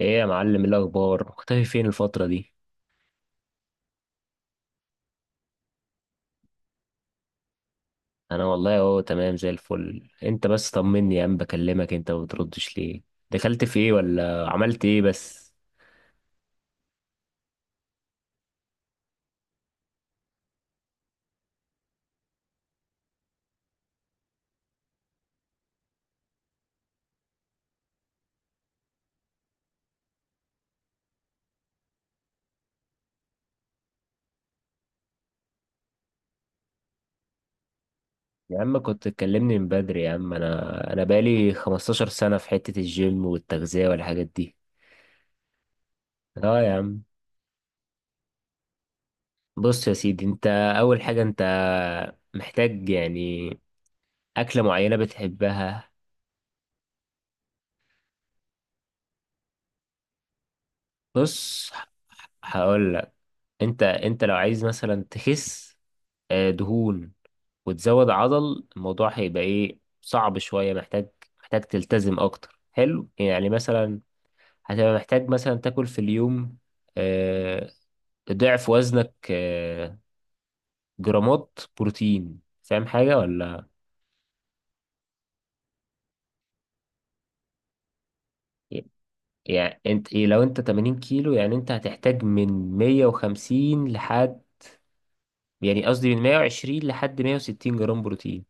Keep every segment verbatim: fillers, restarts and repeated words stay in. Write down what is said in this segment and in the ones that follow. ايه يا معلم، إيه الاخبار؟ مختفي فين الفتره دي؟ انا والله اهو تمام زي الفل. انت بس طمني يا عم، بكلمك انت ما بتردش ليه؟ دخلت في ايه ولا عملت ايه بس؟ يا عم كنت تكلمني من بدري. يا عم انا انا بقالي خمستاشر سنه في حته الجيم والتغذيه والحاجات دي. اه يا عم. بص يا سيدي، انت اول حاجه انت محتاج يعني اكله معينه بتحبها. بص هقول لك. انت انت لو عايز مثلا تخس آه، دهون وتزود عضل، الموضوع هيبقى ايه صعب شوية. محتاج محتاج تلتزم اكتر. حلو، يعني مثلا هتبقى محتاج مثلا تاكل في اليوم آه، ضعف وزنك آه، جرامات بروتين. فاهم حاجة ولا؟ يعني انت ايه، لو انت ثمانين كيلو يعني انت هتحتاج من مية وخمسين لحد، يعني قصدي من مئة وعشرين لحد مية وستين جرام بروتين.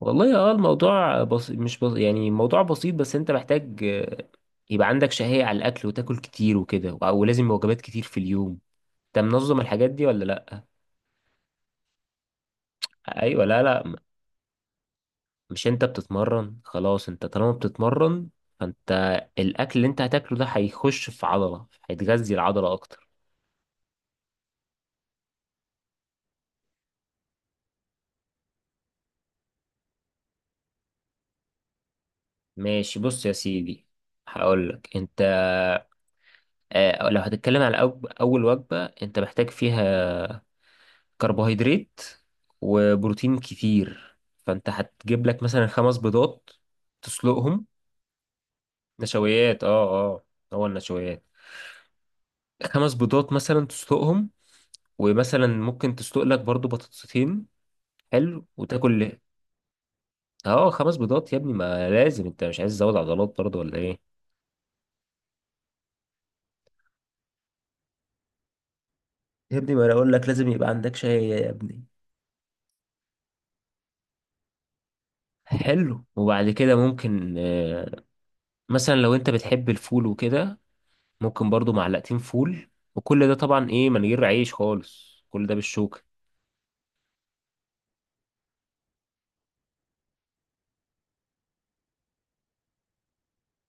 والله اه، الموضوع بس... مش بس... يعني موضوع بسيط، بس انت محتاج آه، يبقى عندك شهية على الأكل وتاكل كتير وكده، و- ولازم وجبات كتير في اليوم. انت منظم الحاجات دي ولا لأ؟ أيوة. لا لا، مش انت بتتمرن؟ خلاص انت طالما بتتمرن فانت الأكل اللي انت هتاكله ده هيخش في عضلة، هيتغذي العضلة أكتر. ماشي بص يا سيدي. هقولك انت آه، لو هتتكلم على أو- أول وجبة، انت محتاج فيها كربوهيدرات وبروتين كتير. فانت هتجيب لك مثلا خمس بيضات تسلقهم. نشويات، اه اه، هو النشويات. خمس بيضات مثلا تسلقهم، ومثلا ممكن تسلق لك برضو بطاطسين. حلو وتاكل. اه خمس بيضات يا ابني، ما لازم، انت مش عايز تزود عضلات برضو ولا ايه؟ يا ابني ما انا اقول لك لازم يبقى عندك شاي يا ابني. حلو، وبعد كده ممكن آه، مثلا لو انت بتحب الفول وكده، ممكن برضو معلقتين فول. وكل ده طبعا ايه من غير عيش خالص، كل ده بالشوكة.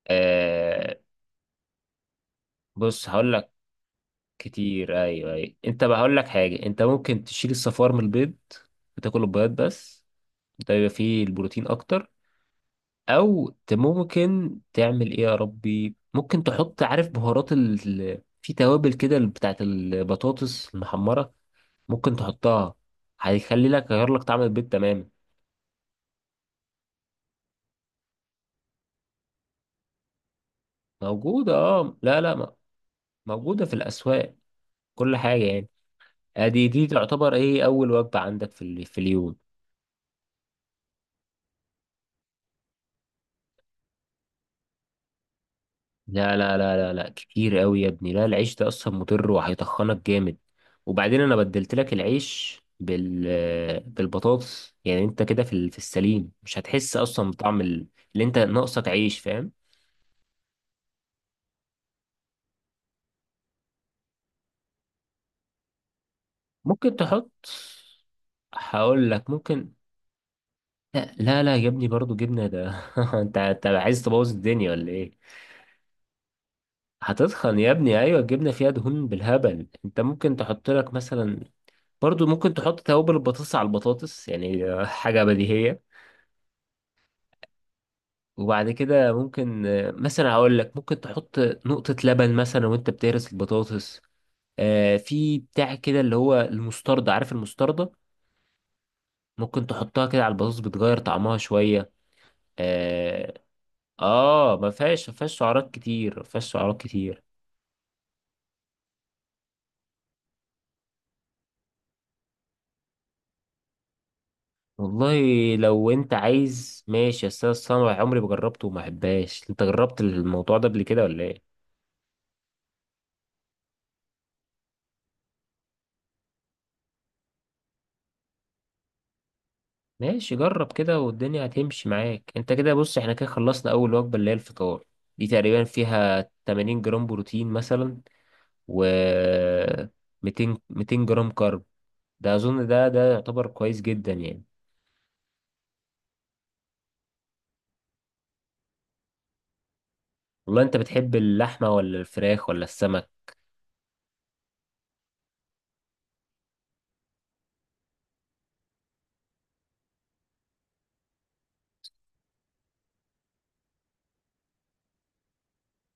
آه، بص هقول لك. كتير، ايوه ايوه. انت بقى هقول لك حاجة، انت ممكن تشيل الصفار من البيض وتاكل البيض بس. ده بيبقى فيه البروتين اكتر. او ت- ممكن تعمل ايه يا ربي، ممكن تحط، عارف، بهارات ال... ال- في توابل كده بتاعت البطاطس المحمرة، ممكن تحطها، هيخلي لك، يغير لك طعم البيض تماما. موجودة اه، لا لا م- موجودة في الأسواق، كل حاجة يعني. ادي دي تعتبر ايه اول وجبة عندك في ال- في اليوم. لا لا لا لا لا كتير قوي يا ابني، لا، العيش ده اصلا مضر وهيطخنك جامد. وبعدين انا بدلت لك العيش بال بالبطاطس، يعني انت كده في ال- في السليم مش هتحس اصلا بطعم ال- اللي انت ناقصك عيش، فاهم؟ ممكن تحط، هقول لك ممكن. لا لا لا يا ابني برضو جبنة ده، انت انت عايز تبوظ الدنيا ولا ايه؟ هتتخن يا ابني ايوه، الجبنه فيها دهون بالهبل. انت ممكن تحط لك مثلا برضو ممكن تحط توابل البطاطس على البطاطس، يعني آه، حاجه بديهيه. وبعد كده ممكن آه، مثلا هقول لك ممكن تحط نقطه لبن مثلا وانت بتهرس البطاطس. آه، في بتاع كده اللي هو المستردة، عارف المستردة؟ ممكن تحطها كده على البطاطس، بتغير طعمها شوية. اه. آه، ما فيهاش، ما فيهاش سعرات كتير، ما فيهاش سعرات كتير. والله لو انت عايز ماشي، بس انا الصنوة عمري ما جربته وما احبهاش. انت جربت الموضوع ده قبل كده ولا ايه؟ ماشي، جرب كده والدنيا هتمشي معاك. انت كده بص احنا كده خلصنا اول وجبة اللي هي الفطار. دي تقريبا فيها ثمانين جرام بروتين مثلا، و ميتين ميتين جرام كارب. ده اظن ده ده يعتبر كويس جدا يعني. والله انت بتحب اللحمة ولا الفراخ ولا السمك؟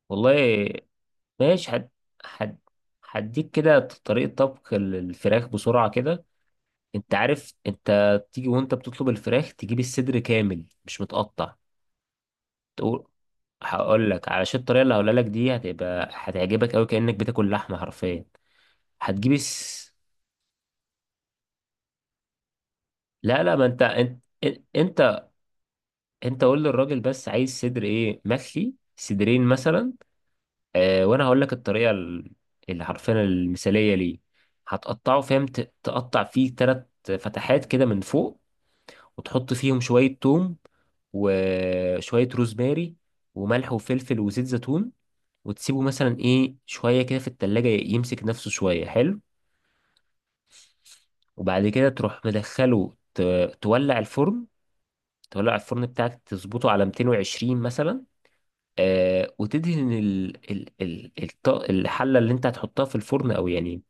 والله ماشي. حد حد هديك كده طريقة طبخ الفراخ بسرعة كده. انت عارف انت تيجي وانت بتطلب الفراخ، تجيب الصدر كامل مش متقطع. تقول، هقول لك، علشان الطريقه اللي هقولها لك دي هتبقى هتعجبك قوي كانك بتاكل لحمه حرفيا. هتجيب الس... لا لا، ما انت انت انت انت قول للراجل بس عايز صدر ايه، مخلي صدرين مثلا. اه وانا هقول لك الطريقه ال- اللي حرفيا المثاليه ليه. هتقطعه فاهم، ت- تقطع فيه ثلاث فتحات كده من فوق، وتحط فيهم شوية توم وشوية روزماري وملح وفلفل وزيت زيتون. وتسيبه مثلا ايه شوية كده في التلاجة يمسك نفسه شوية. حلو، وبعد كده تروح مدخله ت- تولع الفرن. تولع الفرن بتاعك تظبطه على ميتين وعشرين مثلا. آه وتدهن ال ال ال الط- الحلة اللي انت هتحطها في الفرن، او يعني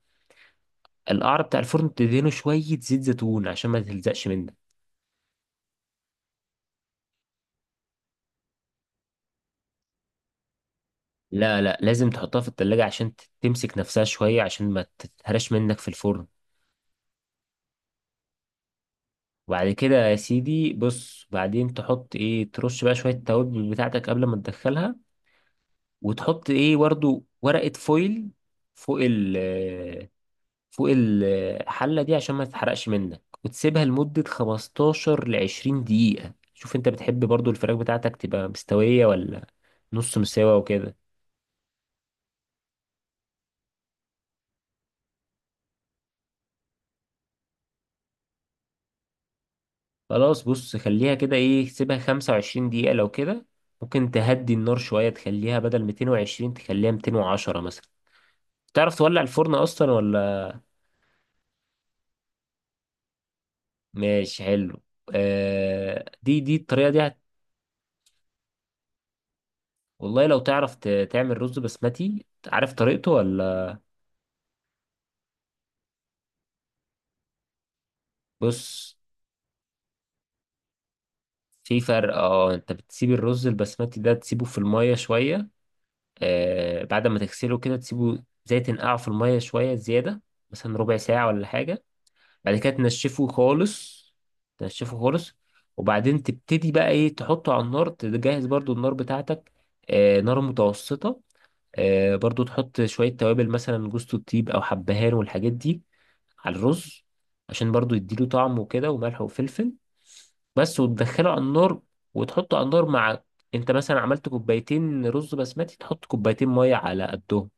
القعر بتاع الفرن تدهنه شوية زيت زيتون عشان ما تلزقش منك. لا لا لازم تحطها في التلاجة عشان ت- تمسك نفسها شوية عشان ما تتهرش منك في الفرن. وبعد كده يا سيدي بص، بعدين تحط ايه، ترش بقى شوية التوابل بتاعتك قبل ما تدخلها. وتحط ايه برضو ورقة فويل فوق ال فوق الحلة دي عشان ما تتحرقش منك، وتسيبها لمدة خمستاشر ل عشرين دقيقة. شوف انت بتحب برضو الفراخ بتاعتك تبقى مستوية ولا نص مستوى وكده. خلاص بص خليها كده ايه، سيبها خمسة وعشرين دقيقة لو كده. ممكن تهدي النار شوية تخليها بدل ميتين وعشرين تخليها ميتين وعشرة مثلا. تعرف تولع الفرن اصلا ولا؟ ماشي حلو. آه دي دي الطريقة دي هت... والله لو تعرف ت... تعمل رز بسمتي، عارف طريقته ولا؟ بص، في فرق اه. انت بتسيب الرز البسمتي ده تسيبه في المية شوية، آه بعد ما تغسله كده تسيبه زي تنقعه في المية شوية زيادة، مثلا ربع ساعة ولا حاجة. بعد كده تنشفه خالص، تنشفه خالص. وبعدين تبتدي بقى ايه تحطه على النار. تجهز برضو النار بتاعتك، آه نار متوسطة. آه برضو تحط شوية توابل مثلا جوز الطيب او حبهان والحاجات دي على الرز، عشان برضو يديله طعم وكده، وملح وفلفل. بس وتدخله على النار. وتحطه على النار مع، انت مثلا عملت كوبايتين رز بسمتي تحط كوبايتين مية على قدهم.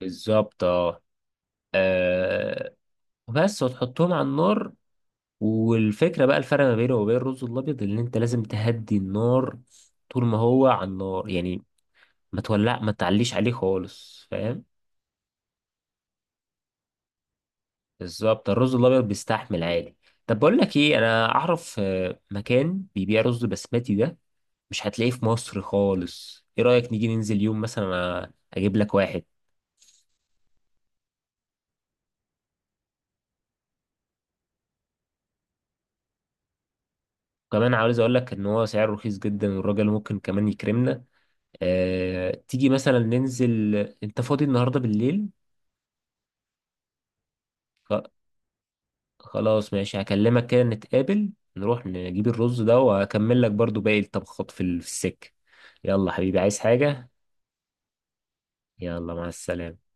بالظبط اه. آه، بس وتحطهم على النار. والفكرة بقى الفرق ما بينه وبين الرز الأبيض إن أنت لازم تهدي النار طول ما هو على النار يعني. ما تولع، ما تعليش عليه خالص، فاهم؟ بالظبط، الرز الأبيض بيستحمل عادي. طب بقول لك إيه، أنا أعرف آه، مكان بيبيع رز بسمتي ده، مش هتلاقيه في مصر خالص. إيه رأيك نيجي ننزل يوم مثلا، آه، أجيب لك واحد. كمان عاوز أقول لك إن هو سعره رخيص جدا، والراجل ممكن كمان يكرمنا. أه تيجي مثلا ننزل. أنت فاضي النهاردة بالليل؟ خلاص ماشي، هكلمك كده نتقابل، نروح نجيب الرز ده وهكمل لك برضو باقي الطبخات في ال- في السكة. يلا حبيبي، عايز حاجة؟ يلا مع السلامة.